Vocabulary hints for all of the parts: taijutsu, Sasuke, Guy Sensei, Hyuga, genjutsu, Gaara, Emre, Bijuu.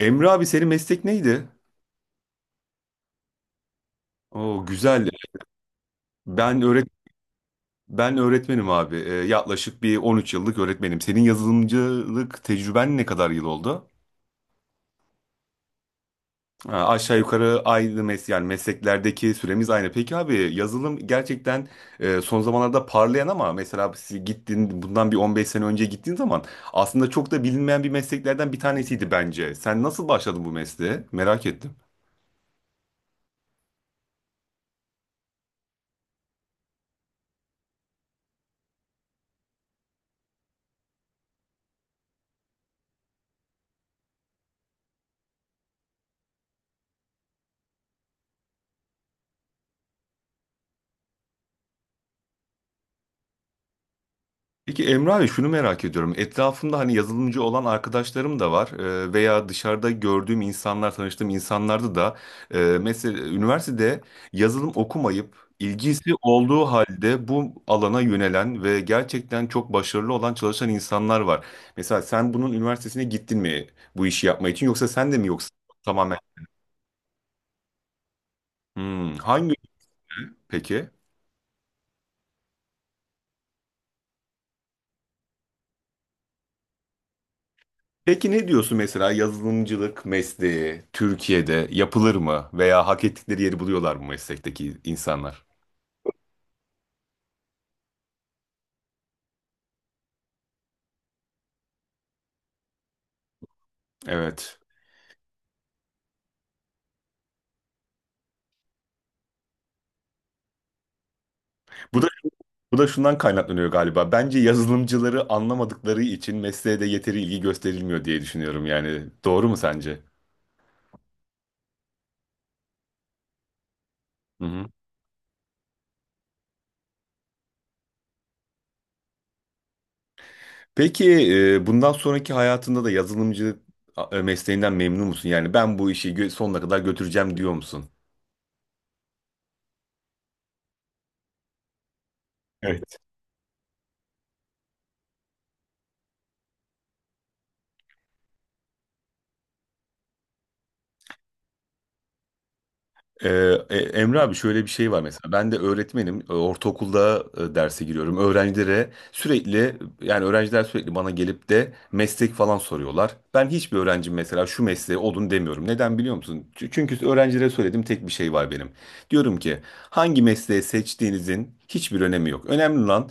Emre abi senin meslek neydi? Oo güzel. Ben öğret Ben öğretmenim abi. Yaklaşık bir 13 yıllık öğretmenim. Senin yazılımcılık tecrüben ne kadar yıl oldu? Ha, aşağı yukarı aynı yani mesleklerdeki süremiz aynı. Peki abi, yazılım gerçekten son zamanlarda parlayan ama mesela siz gittin, bundan bir 15 sene önce gittiğin zaman aslında çok da bilinmeyen bir mesleklerden bir tanesiydi bence. Sen nasıl başladın bu mesleğe? Merak ettim. Peki Emre abi, şunu merak ediyorum. Etrafımda hani yazılımcı olan arkadaşlarım da var, veya dışarıda gördüğüm insanlar, tanıştığım insanlarda da mesela üniversitede yazılım okumayıp ilgisi olduğu halde bu alana yönelen ve gerçekten çok başarılı olan çalışan insanlar var. Mesela sen bunun üniversitesine gittin mi, bu işi yapmak için, yoksa sen de mi, yoksa tamamen? Hmm, hangi peki? Peki ne diyorsun, mesela yazılımcılık mesleği Türkiye'de yapılır mı veya hak ettikleri yeri buluyorlar mı meslekteki insanlar? Evet. Bu da bu da şundan kaynaklanıyor galiba. Bence yazılımcıları anlamadıkları için mesleğe de yeteri ilgi gösterilmiyor diye düşünüyorum yani. Doğru mu sence? Hı hı. Peki, bundan sonraki hayatında da yazılımcı mesleğinden memnun musun? Yani ben bu işi sonuna kadar götüreceğim diyor musun? Evet. Emre abi, şöyle bir şey var, mesela ben de öğretmenim. Ortaokulda derse giriyorum öğrencilere sürekli. Yani öğrenciler sürekli bana gelip de meslek falan soruyorlar. Ben hiçbir öğrencim mesela şu mesleğe olun demiyorum. Neden biliyor musun? Çünkü öğrencilere söylediğim tek bir şey var benim. Diyorum ki, hangi mesleği seçtiğinizin hiçbir önemi yok. Önemli olan,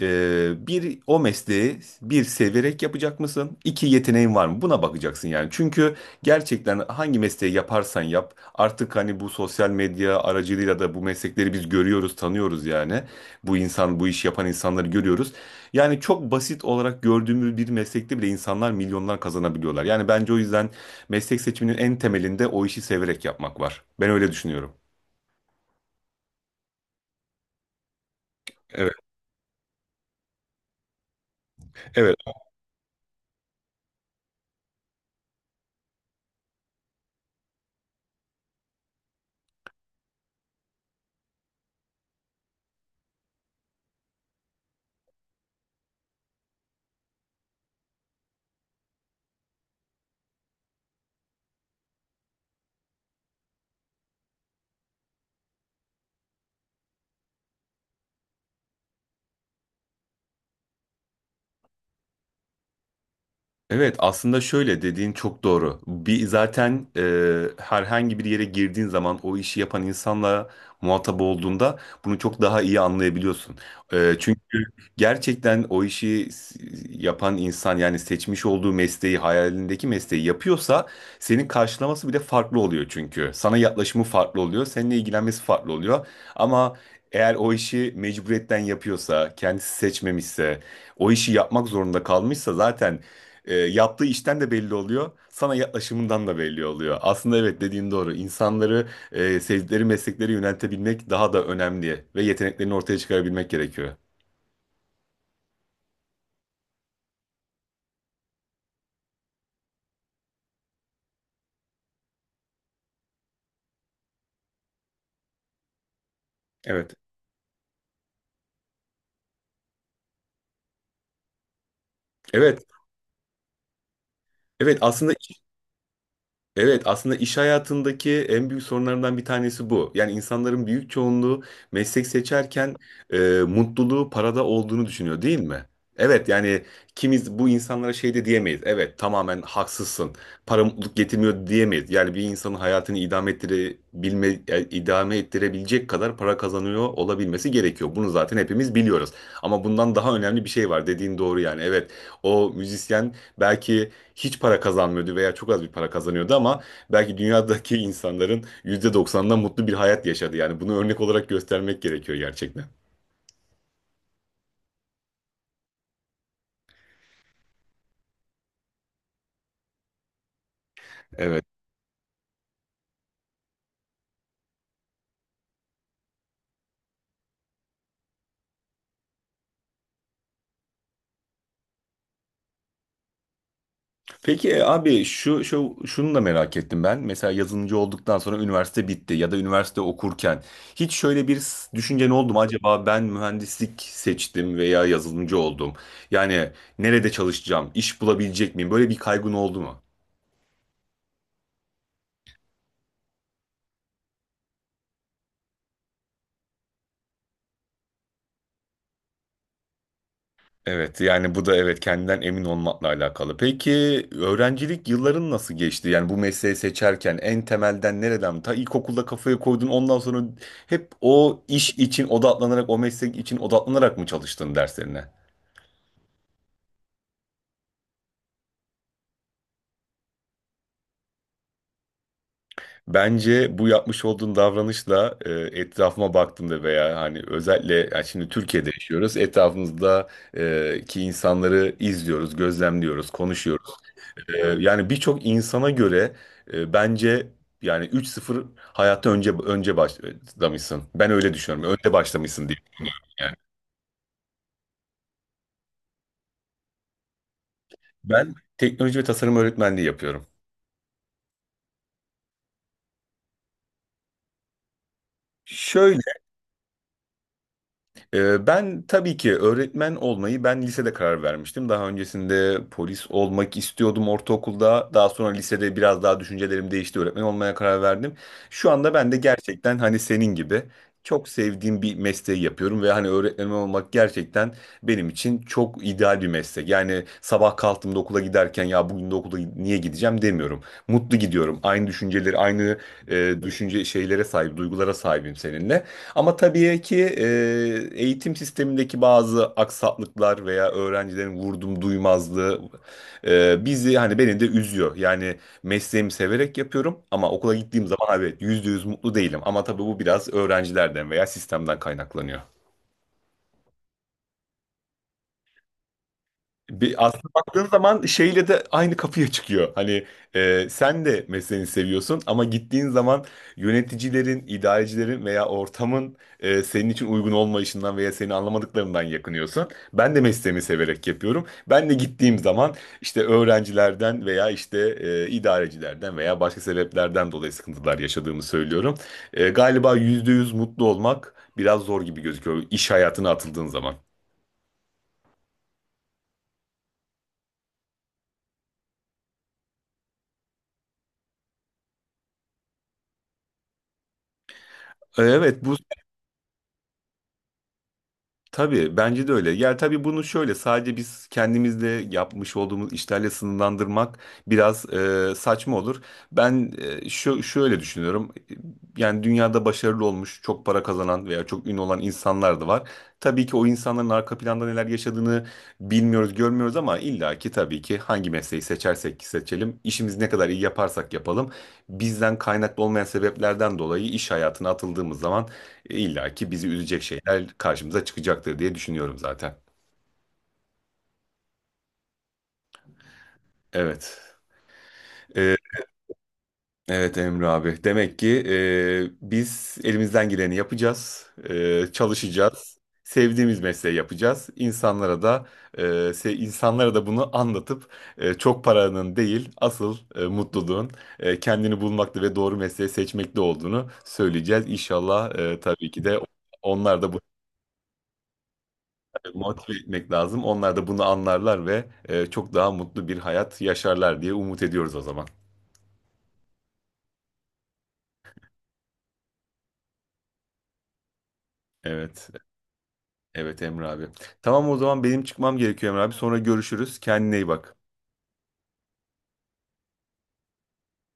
bir, o mesleği bir severek yapacak mısın? İki, yeteneğin var mı? Buna bakacaksın yani. Çünkü gerçekten hangi mesleği yaparsan yap, artık hani bu sosyal medya aracılığıyla da bu meslekleri biz görüyoruz, tanıyoruz yani. Bu insan, bu iş yapan insanları görüyoruz. Yani çok basit olarak gördüğümüz bir meslekte bile insanlar milyonlar kazanabiliyorlar. Yani bence o yüzden meslek seçiminin en temelinde o işi severek yapmak var. Ben öyle düşünüyorum. Evet, evet. Evet aslında şöyle, dediğin çok doğru. Bir zaten, herhangi bir yere girdiğin zaman o işi yapan insanla muhatap olduğunda bunu çok daha iyi anlayabiliyorsun. Çünkü gerçekten o işi yapan insan, yani seçmiş olduğu mesleği, hayalindeki mesleği yapıyorsa senin karşılaması bir de farklı oluyor çünkü. Sana yaklaşımı farklı oluyor, seninle ilgilenmesi farklı oluyor. Ama eğer o işi mecburiyetten yapıyorsa, kendisi seçmemişse, o işi yapmak zorunda kalmışsa zaten, yaptığı işten de belli oluyor. Sana yaklaşımından da belli oluyor. Aslında evet, dediğin doğru. İnsanları, sevdikleri meslekleri yöneltebilmek daha da önemli ve yeteneklerini ortaya çıkarabilmek gerekiyor. Evet. Evet. Evet aslında Evet aslında iş hayatındaki en büyük sorunlarından bir tanesi bu. Yani insanların büyük çoğunluğu meslek seçerken, e, mutluluğu parada olduğunu düşünüyor değil mi? Evet yani, kimiz bu insanlara şey de diyemeyiz. Evet, tamamen haksızsın. Para mutluluk getirmiyor diyemeyiz. Yani bir insanın hayatını idame ettirebilecek kadar para kazanıyor olabilmesi gerekiyor. Bunu zaten hepimiz biliyoruz. Ama bundan daha önemli bir şey var. Dediğin doğru yani. Evet, o müzisyen belki hiç para kazanmıyordu veya çok az bir para kazanıyordu ama belki dünyadaki insanların %90'dan mutlu bir hayat yaşadı. Yani bunu örnek olarak göstermek gerekiyor gerçekten. Evet. Peki, abi, şu, şu şunu da merak ettim ben. Mesela yazılımcı olduktan sonra üniversite bitti ya da üniversite okurken hiç şöyle bir düşüncen oldu mu, acaba ben mühendislik seçtim veya yazılımcı oldum? Yani nerede çalışacağım, iş bulabilecek miyim? Böyle bir kaygın oldu mu? Evet yani bu da evet, kendinden emin olmakla alakalı. Peki öğrencilik yılların nasıl geçti? Yani bu mesleği seçerken en temelden nereden? Ta ilkokulda kafaya koydun, ondan sonra hep o iş için odaklanarak, o meslek için odaklanarak mı çalıştın derslerine? Bence bu yapmış olduğun davranışla, etrafıma baktığımda veya hani özellikle, yani şimdi Türkiye'de yaşıyoruz. Etrafımızda, ki insanları izliyoruz, gözlemliyoruz, konuşuyoruz. Yani birçok insana göre, bence yani 3-0 hayatta önce başlamışsın. Ben öyle düşünüyorum. Önde başlamışsın diye düşünüyorum yani. Ben teknoloji ve tasarım öğretmenliği yapıyorum. Şöyle. Ben tabii ki öğretmen olmayı ben lisede karar vermiştim. Daha öncesinde polis olmak istiyordum, ortaokulda. Daha sonra lisede biraz daha düşüncelerim değişti. Öğretmen olmaya karar verdim. Şu anda ben de gerçekten hani senin gibi çok sevdiğim bir mesleği yapıyorum ve hani öğretmen olmak gerçekten benim için çok ideal bir meslek. Yani sabah kalktığımda okula giderken, ya bugün de okula niye gideceğim demiyorum. Mutlu gidiyorum. Aynı düşünceleri, aynı, düşünce şeylere sahip, duygulara sahibim seninle. Ama tabii ki, eğitim sistemindeki bazı aksaklıklar veya öğrencilerin vurdum duymazlığı, bizi hani beni de üzüyor. Yani mesleğimi severek yapıyorum ama okula gittiğim zaman, evet, %100 mutlu değilim. Ama tabii bu biraz öğrencilerden veya sistemden kaynaklanıyor. Bir aslında baktığın zaman şeyle de aynı kapıya çıkıyor. Hani, sen de mesleğini seviyorsun ama gittiğin zaman yöneticilerin, idarecilerin veya ortamın, senin için uygun olmayışından veya seni anlamadıklarından yakınıyorsun. Ben de mesleğimi severek yapıyorum. Ben de gittiğim zaman işte öğrencilerden veya işte, idarecilerden veya başka sebeplerden dolayı sıkıntılar yaşadığımı söylüyorum. Galiba %100 mutlu olmak biraz zor gibi gözüküyor iş hayatına atıldığın zaman. Evet, tabii bence de öyle. Yani tabii bunu şöyle sadece biz kendimizle yapmış olduğumuz işlerle sınırlandırmak biraz saçma olur. Ben, e, şu şöyle düşünüyorum. Yani dünyada başarılı olmuş, çok para kazanan veya çok ünlü olan insanlar da var. Tabii ki o insanların arka planda neler yaşadığını bilmiyoruz, görmüyoruz ama illaki tabii ki hangi mesleği seçersek seçelim, işimizi ne kadar iyi yaparsak yapalım, bizden kaynaklı olmayan sebeplerden dolayı iş hayatına atıldığımız zaman İlla ki bizi üzecek şeyler karşımıza çıkacaktır diye düşünüyorum zaten. Evet. Ee, evet Emre abi. Demek ki, biz elimizden geleni yapacağız. Çalışacağız. Sevdiğimiz mesleği yapacağız. İnsanlara da bunu anlatıp, çok paranın değil, asıl mutluluğun, kendini bulmakta ve doğru mesleği seçmekte olduğunu söyleyeceğiz. İnşallah, tabii ki de onlar da motive etmek lazım. Onlar da bunu anlarlar ve çok daha mutlu bir hayat yaşarlar diye umut ediyoruz o zaman. Evet, evet Emre abi. Tamam, o zaman benim çıkmam gerekiyor Emre abi. Sonra görüşürüz. Kendine iyi bak.